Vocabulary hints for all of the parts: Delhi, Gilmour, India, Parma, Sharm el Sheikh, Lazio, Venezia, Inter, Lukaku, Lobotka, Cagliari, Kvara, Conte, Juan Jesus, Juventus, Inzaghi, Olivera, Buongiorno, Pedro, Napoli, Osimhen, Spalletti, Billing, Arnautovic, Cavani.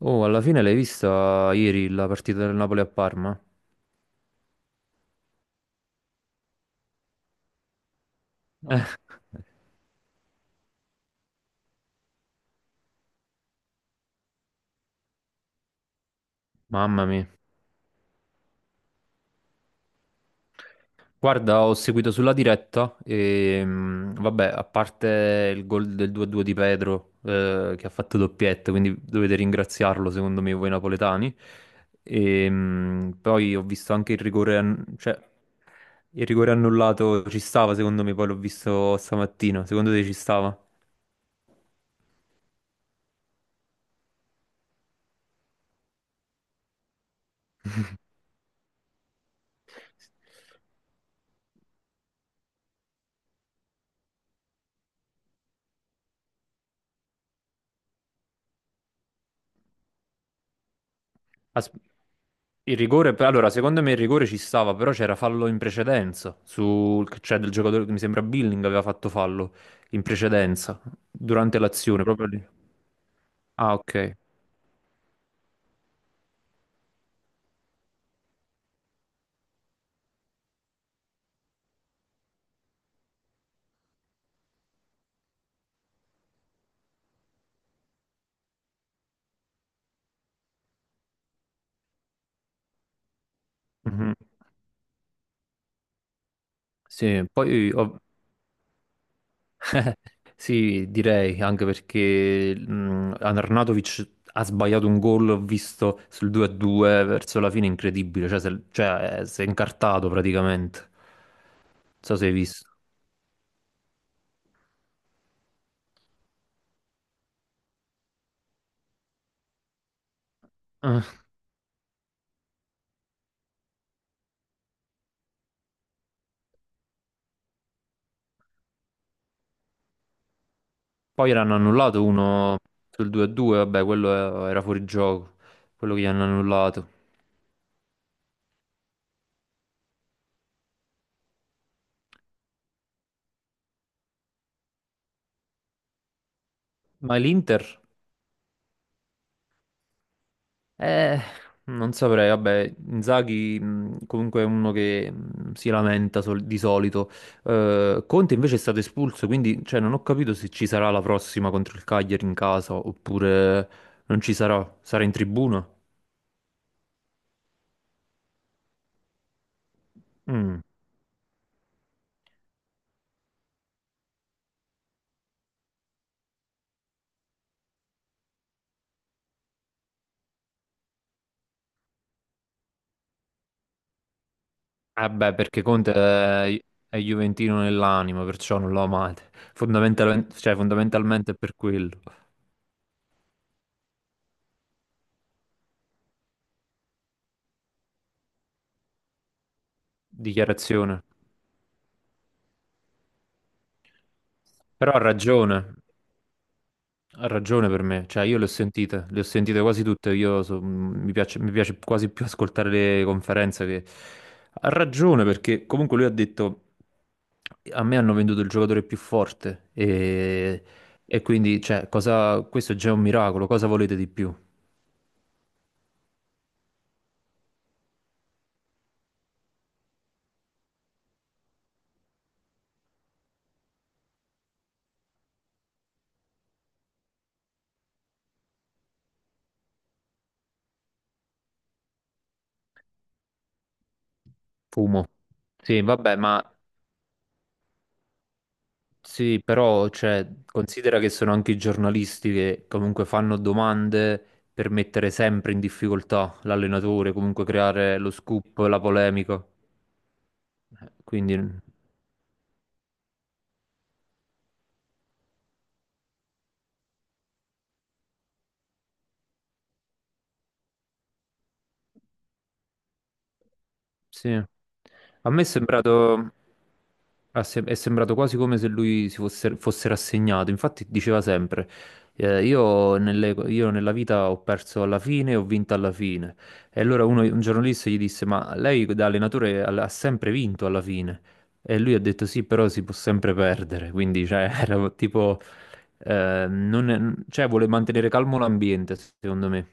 Oh, alla fine l'hai vista ieri la partita del Napoli a Parma? No. Mamma mia. Guarda, ho seguito sulla diretta e vabbè, a parte il gol del 2-2 di Pedro che ha fatto doppietta, quindi dovete ringraziarlo secondo me voi napoletani. E, poi ho visto anche il rigore, cioè il rigore annullato ci stava secondo me, poi l'ho visto stamattina. Secondo te ci stava? As- Il rigore, allora, secondo me il rigore ci stava, però c'era fallo in precedenza, cioè del giocatore che mi sembra Billing aveva fatto fallo in precedenza, durante l'azione, proprio lì. Ah, ok. Mhm. Sì, poi sì, direi anche perché Arnautovic ha sbagliato un gol, ho visto sul 2-2 verso la fine, incredibile, cioè, se- cioè, si è incartato praticamente, non so se hai visto. Poi ne hanno annullato uno sul 2-2, vabbè, quello era fuori gioco, quello che gli hanno annullato. Ma l'Inter? Eh, non saprei, vabbè, Inzaghi comunque è uno che si lamenta di solito. Conte invece è stato espulso, quindi cioè, non ho capito se ci sarà la prossima contro il Cagliari in casa oppure non ci sarà, sarà in tribuna. Mm. Eh beh, perché Conte è juventino nell'anima, perciò non lo amate. Cioè, fondamentalmente è per quello. Dichiarazione. Però ha ragione per me, cioè io le ho sentite quasi tutte, io mi piace quasi più ascoltare le conferenze che... Ha ragione perché comunque lui ha detto a me hanno venduto il giocatore più forte e quindi cioè, cosa... questo è già un miracolo, cosa volete di più? Fumo. Sì, vabbè, ma sì, però cioè, considera che sono anche i giornalisti che comunque fanno domande per mettere sempre in difficoltà l'allenatore, comunque creare lo scoop, la polemica. Quindi. Sì. A me è sembrato, è sembrato quasi come se lui si fosse rassegnato. Infatti diceva sempre, io, io nella vita ho perso alla fine e ho vinto alla fine. E allora un giornalista gli disse, ma lei da allenatore ha sempre vinto alla fine. E lui ha detto sì, però si può sempre perdere. Quindi cioè, era tipo, non è- cioè, vuole mantenere calmo l'ambiente, secondo me.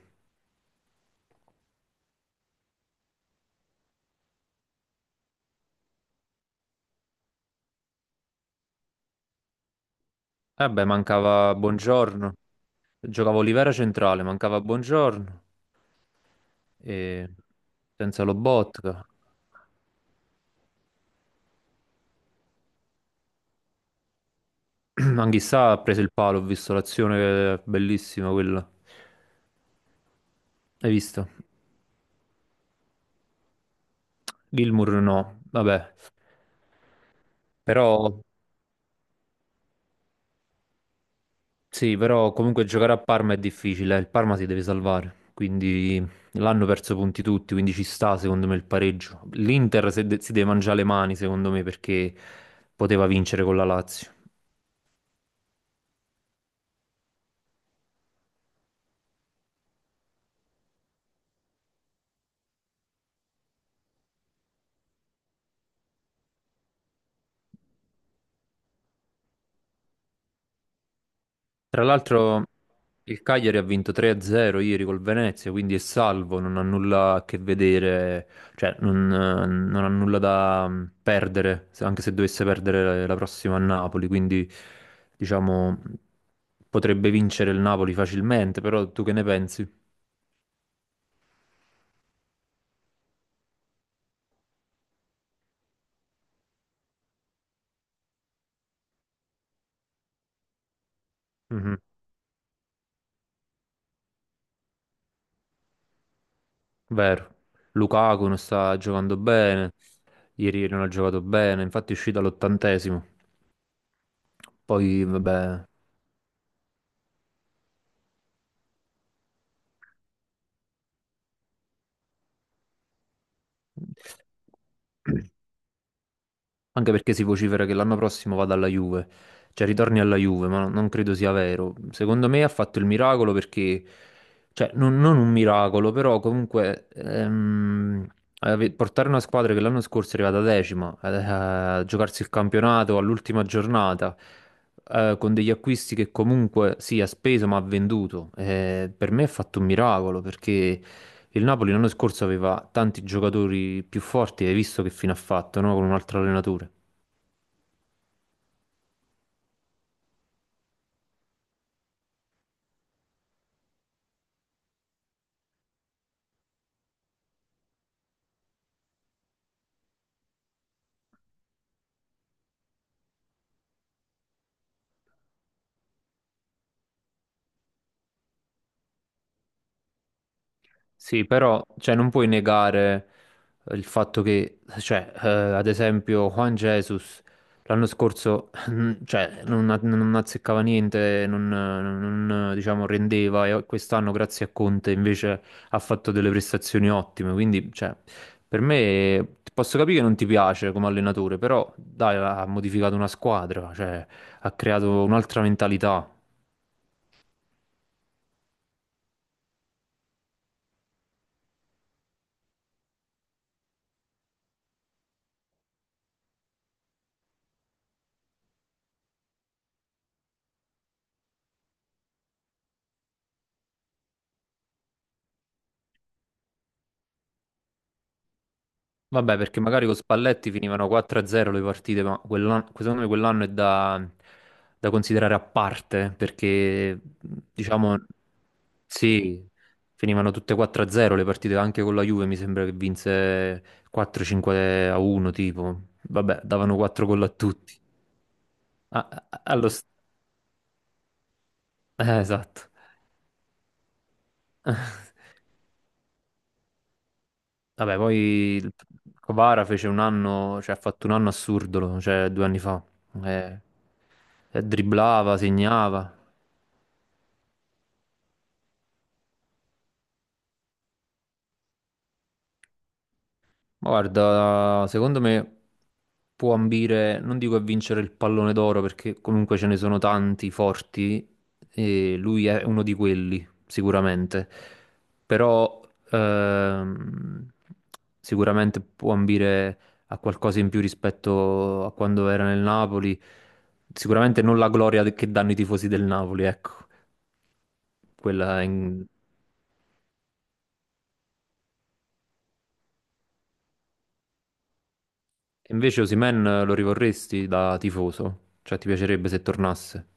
Vabbè, mancava buongiorno. Giocava Olivera centrale, mancava Buongiorno e senza Lobotka. Anch'issa ha preso il palo, ho visto l'azione che è bellissima quella. Hai visto? Gilmour no, vabbè. Però sì, però comunque giocare a Parma è difficile, eh. Il Parma si deve salvare, quindi l'hanno perso punti tutti, quindi ci sta secondo me il pareggio. L'Inter si deve mangiare le mani secondo me perché poteva vincere con la Lazio. Tra l'altro il Cagliari ha vinto 3-0 ieri col Venezia, quindi è salvo, non ha nulla a che vedere, cioè non ha nulla da perdere, anche se dovesse perdere la prossima a Napoli, quindi diciamo potrebbe vincere il Napoli facilmente, però tu che ne pensi? Mhm. Vero. Lukaku non sta giocando bene, ieri non ha giocato bene, infatti è uscito all'ottantesimo, poi vabbè... Anche perché si vocifera che l'anno prossimo vada alla Juve, cioè ritorni alla Juve, ma non credo sia vero. Secondo me ha fatto il miracolo perché, cioè non un miracolo, però comunque portare una squadra che l'anno scorso è arrivata decima, a giocarsi il campionato all'ultima giornata, con degli acquisti che comunque sì, ha speso ma ha venduto, per me ha fatto un miracolo perché... Il Napoli l'anno scorso aveva tanti giocatori più forti, hai visto che fine ha fatto, no? Con un altro allenatore. Sì, però cioè, non puoi negare il fatto che, cioè, ad esempio, Juan Jesus l'anno scorso cioè, non azzeccava niente, non, diciamo, rendeva e quest'anno, grazie a Conte, invece ha fatto delle prestazioni ottime. Quindi, cioè, per me posso capire che non ti piace come allenatore, però dai, ha modificato una squadra, cioè, ha creato un'altra mentalità. Vabbè, perché magari con Spalletti finivano 4-0 le partite, ma quell'anno, secondo me quell'anno è da considerare a parte, perché diciamo sì, finivano tutte 4-0 le partite, anche con la Juve mi sembra che vinse 4-5-1 tipo, vabbè, davano 4 gol a tutti. A- a- allo st- esatto. Vabbè, poi Kvara fece un anno, cioè ha fatto un anno assurdo, cioè 2 anni fa. Eh, dribblava, segnava. Ma guarda, secondo me può ambire, non dico a vincere il pallone d'oro perché comunque ce ne sono tanti forti e lui è uno di quelli, sicuramente. Però ehm, sicuramente può ambire a qualcosa in più rispetto a quando era nel Napoli. Sicuramente non la gloria che danno i tifosi del Napoli, ecco. Quella è. Invece Osimhen lo rivorresti da tifoso? Cioè ti piacerebbe se tornasse?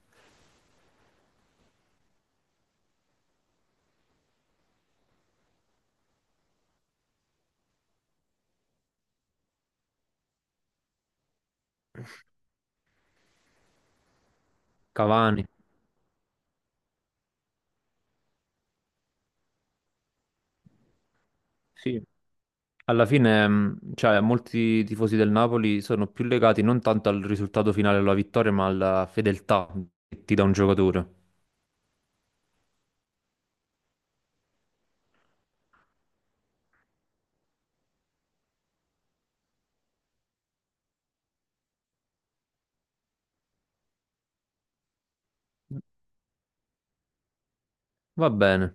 Cavani, sì. Alla fine, cioè, molti tifosi del Napoli sono più legati non tanto al risultato finale, alla vittoria, ma alla fedeltà che ti dà un giocatore. Va bene.